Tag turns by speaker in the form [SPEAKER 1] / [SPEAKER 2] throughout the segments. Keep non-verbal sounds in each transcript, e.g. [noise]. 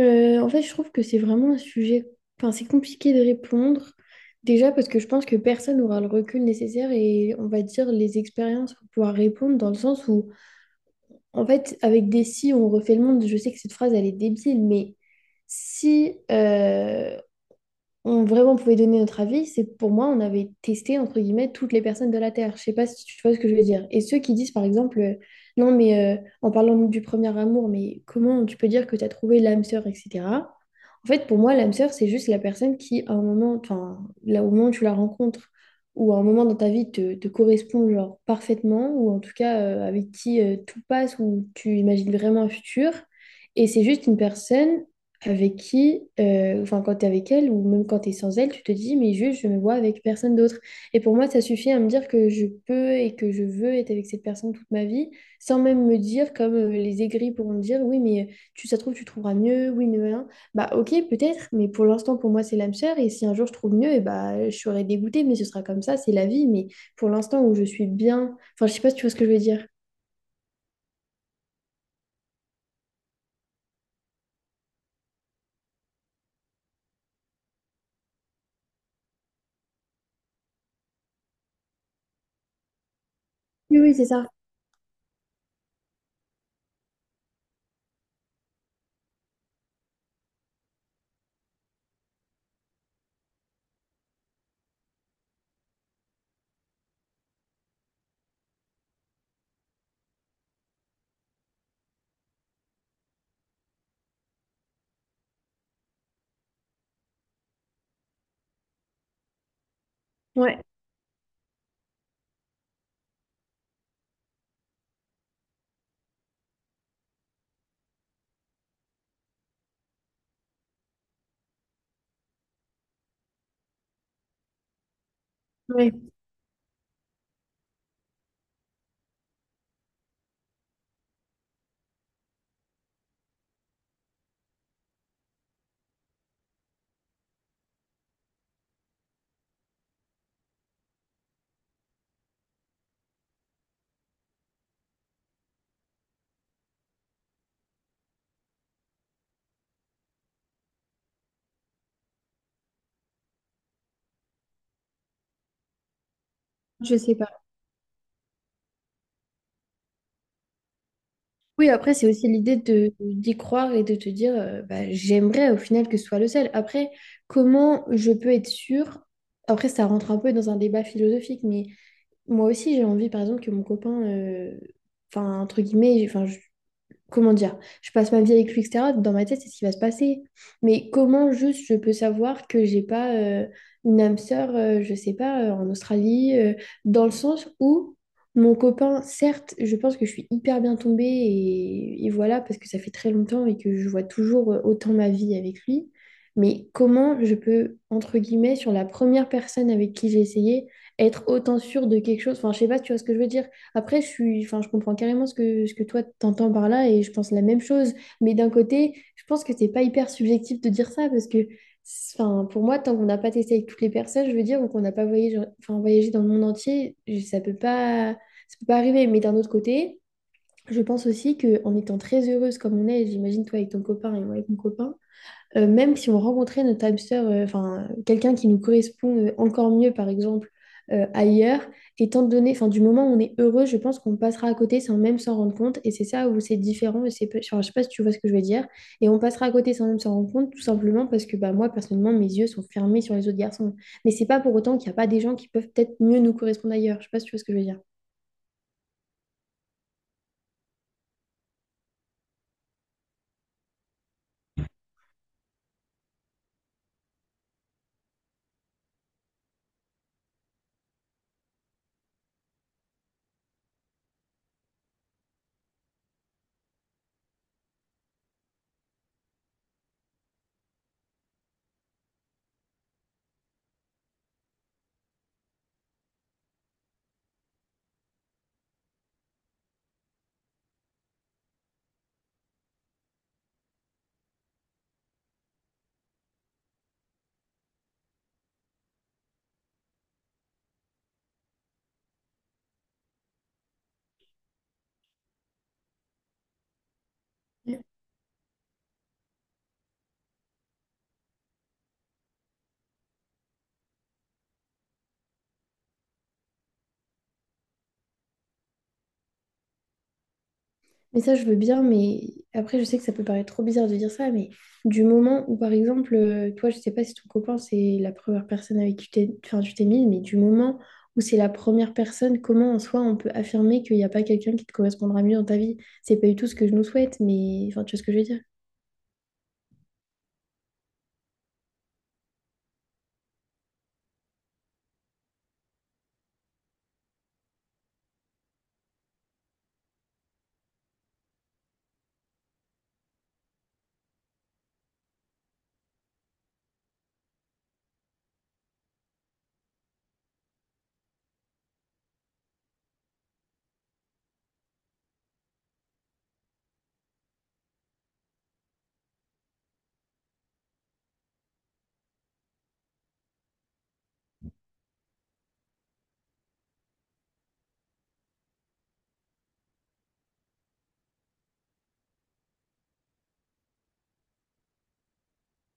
[SPEAKER 1] Je trouve que c'est vraiment un sujet, enfin, c'est compliqué de répondre. Déjà parce que je pense que personne n'aura le recul nécessaire et on va dire les expériences pour pouvoir répondre dans le sens où, en fait, avec des si, on refait le monde. Je sais que cette phrase, elle est débile, mais si, on vraiment pouvait donner notre avis, c'est pour moi, on avait testé, entre guillemets, toutes les personnes de la Terre. Je sais pas si tu vois ce que je veux dire. Et ceux qui disent, par exemple, non, mais en parlant du premier amour, mais comment tu peux dire que tu as trouvé l'âme sœur, etc. En fait, pour moi, l'âme sœur, c'est juste la personne qui, à un moment, enfin, là, au moment où tu la rencontres, ou à un moment dans ta vie, te correspond, genre, parfaitement, ou en tout cas, avec qui tout passe, ou tu imagines vraiment un futur. Et c'est juste une personne avec qui, enfin quand tu es avec elle ou même quand tu es sans elle, tu te dis, mais juste, je me vois avec personne d'autre. Et pour moi, ça suffit à me dire que je peux et que je veux être avec cette personne toute ma vie, sans même me dire, comme les aigris pourront me dire, oui, mais tu, ça se trouve, tu trouveras mieux, oui, mais rien. Bah ok, peut-être, mais pour l'instant, pour moi, c'est l'âme sœur, et si un jour je trouve mieux, et bah je serai dégoûtée, mais ce sera comme ça, c'est la vie, mais pour l'instant où je suis bien, enfin, je sais pas si tu vois ce que je veux dire. Oui, oui, c'est ça. Ouais, ouais, je sais pas. Oui, après, c'est aussi l'idée de d'y croire et de te dire, bah, j'aimerais au final que ce soit le seul. Après, comment je peux être sûre? Après, ça rentre un peu dans un débat philosophique, mais moi aussi, j'ai envie, par exemple, que mon copain, enfin, entre guillemets, comment dire, je passe ma vie avec lui, etc. Dans ma tête, c'est ce qui va se passer. Mais comment juste je peux savoir que j'ai pas une âme sœur, je sais pas, en Australie, dans le sens où mon copain, certes, je pense que je suis hyper bien tombée et voilà, parce que ça fait très longtemps et que je vois toujours autant ma vie avec lui. Mais comment je peux, entre guillemets, sur la première personne avec qui j'ai essayé, être autant sûre de quelque chose? Enfin, je sais pas, tu vois ce que je veux dire. Après, je suis, enfin, je comprends carrément ce que toi t'entends par là et je pense la même chose. Mais d'un côté, je pense que c'est pas hyper subjectif de dire ça parce que, enfin, pour moi, tant qu'on n'a pas testé avec toutes les personnes, je veux dire, ou qu'on n'a pas voyagé, enfin, voyagé dans le monde entier, ça peut pas arriver. Mais d'un autre côté, je pense aussi que en étant très heureuse comme on est, j'imagine toi avec ton copain et moi avec mon copain, même si on rencontrait notre âme sœur, enfin quelqu'un qui nous correspond encore mieux, par exemple, ailleurs, étant donné, enfin du moment où on est heureux, je pense qu'on passera à côté sans même s'en rendre compte. Et c'est ça où c'est différent. Enfin, je sais pas si tu vois ce que je veux dire. Et on passera à côté sans même s'en rendre compte, tout simplement parce que bah, moi, personnellement, mes yeux sont fermés sur les autres garçons. Mais c'est pas pour autant qu'il n'y a pas des gens qui peuvent peut-être mieux nous correspondre ailleurs. Je sais pas si tu vois ce que je veux dire. Mais ça, je veux bien, mais après, je sais que ça peut paraître trop bizarre de dire ça, mais du moment où, par exemple, toi, je sais pas si ton copain, c'est la première personne avec qui tu t'es mise, mais du moment où c'est la première personne, comment en soi on peut affirmer qu'il n'y a pas quelqu'un qui te correspondra mieux dans ta vie? C'est pas du tout ce que je nous souhaite, mais enfin, tu vois ce que je veux dire.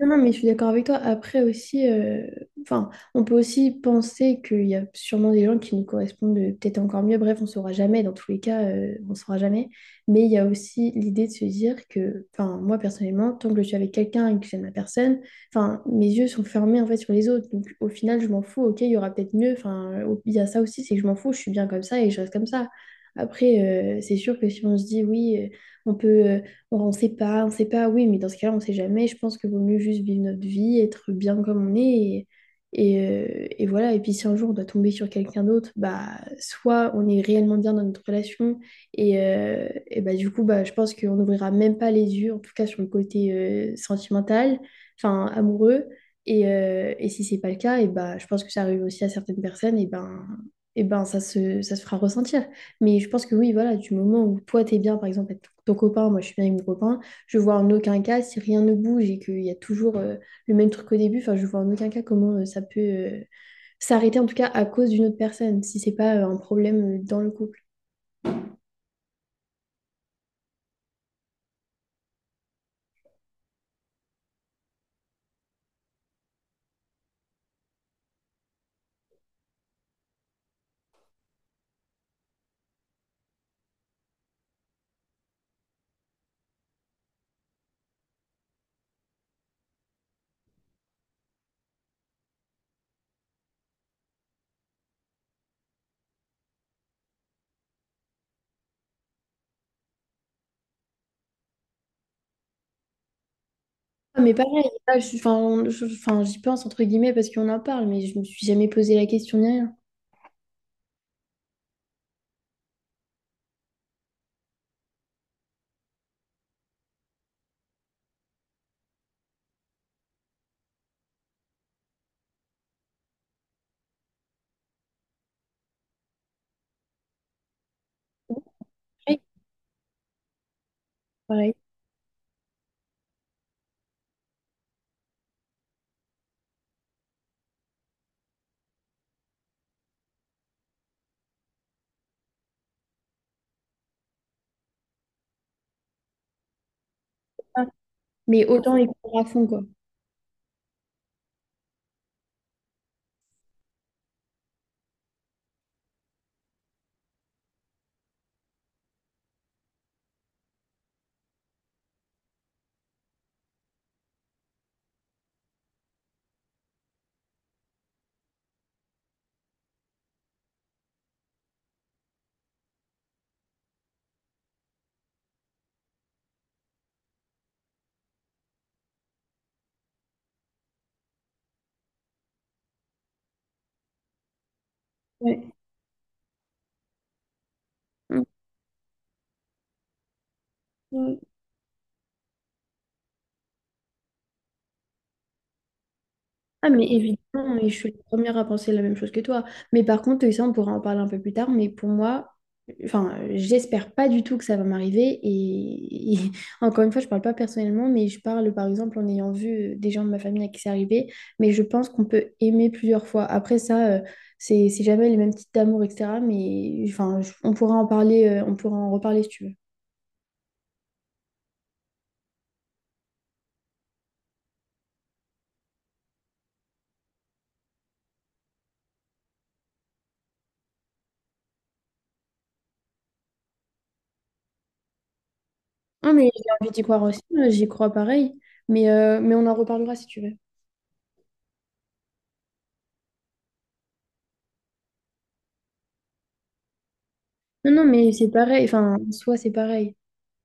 [SPEAKER 1] Non, non, mais je suis d'accord avec toi. Après aussi, enfin, on peut aussi penser qu'il y a sûrement des gens qui nous correspondent peut-être encore mieux. Bref, on saura jamais. Dans tous les cas, on saura jamais. Mais il y a aussi l'idée de se dire que, enfin, moi personnellement, tant que je suis avec quelqu'un et que j'aime la personne, enfin, mes yeux sont fermés en fait sur les autres. Donc au final, je m'en fous. Ok, il y aura peut-être mieux. Il y a ça aussi, c'est que je m'en fous. Je suis bien comme ça et je reste comme ça. Après, c'est sûr que si on se dit oui, on peut. Bon, on sait pas, oui, mais dans ce cas-là, on sait jamais. Je pense qu'il vaut mieux juste vivre notre vie, être bien comme on est. Et voilà. Et puis si un jour on doit tomber sur quelqu'un d'autre, bah soit on est réellement bien dans notre relation. Et bah du coup, bah, je pense qu'on n'ouvrira même pas les yeux, en tout cas sur le côté sentimental, enfin amoureux. Et si c'est pas le cas, et bah je pense que ça arrive aussi à certaines personnes, et ben ça se fera ressentir. Mais je pense que oui, voilà, du moment où toi t'es bien, par exemple, avec ton copain, moi je suis bien avec mon copain, je vois en aucun cas si rien ne bouge et qu'il y a toujours le même truc qu'au début, enfin je vois en aucun cas comment ça peut s'arrêter en tout cas à cause d'une autre personne, si c'est pas un problème dans le couple. Ah, mais pareil, là, je suis- enfin, on- je- enfin, j'y pense entre guillemets parce qu'on en parle, mais je me suis jamais posé la question ni rien. Oui, pareil. Ah, mais autant les prendre à fond, quoi. Ouais. Mm. Ah, mais évidemment, et je suis la première à penser la même chose que toi. Mais par contre, et ça, on pourra en parler un peu plus tard, mais pour moi, enfin, j'espère pas du tout que ça va m'arriver. [laughs] Encore une fois, je parle pas personnellement, mais je parle par exemple en ayant vu des gens de ma famille à qui c'est arrivé. Mais je pense qu'on peut aimer plusieurs fois. Après ça, c'est jamais les mêmes types d'amour, etc. Mais enfin, on pourra en parler, on pourra en reparler si tu veux. Non, mais j'ai envie d'y croire aussi, j'y crois pareil. Mais on en reparlera si tu veux. Non, non, mais c'est pareil. Enfin, en soi, c'est pareil.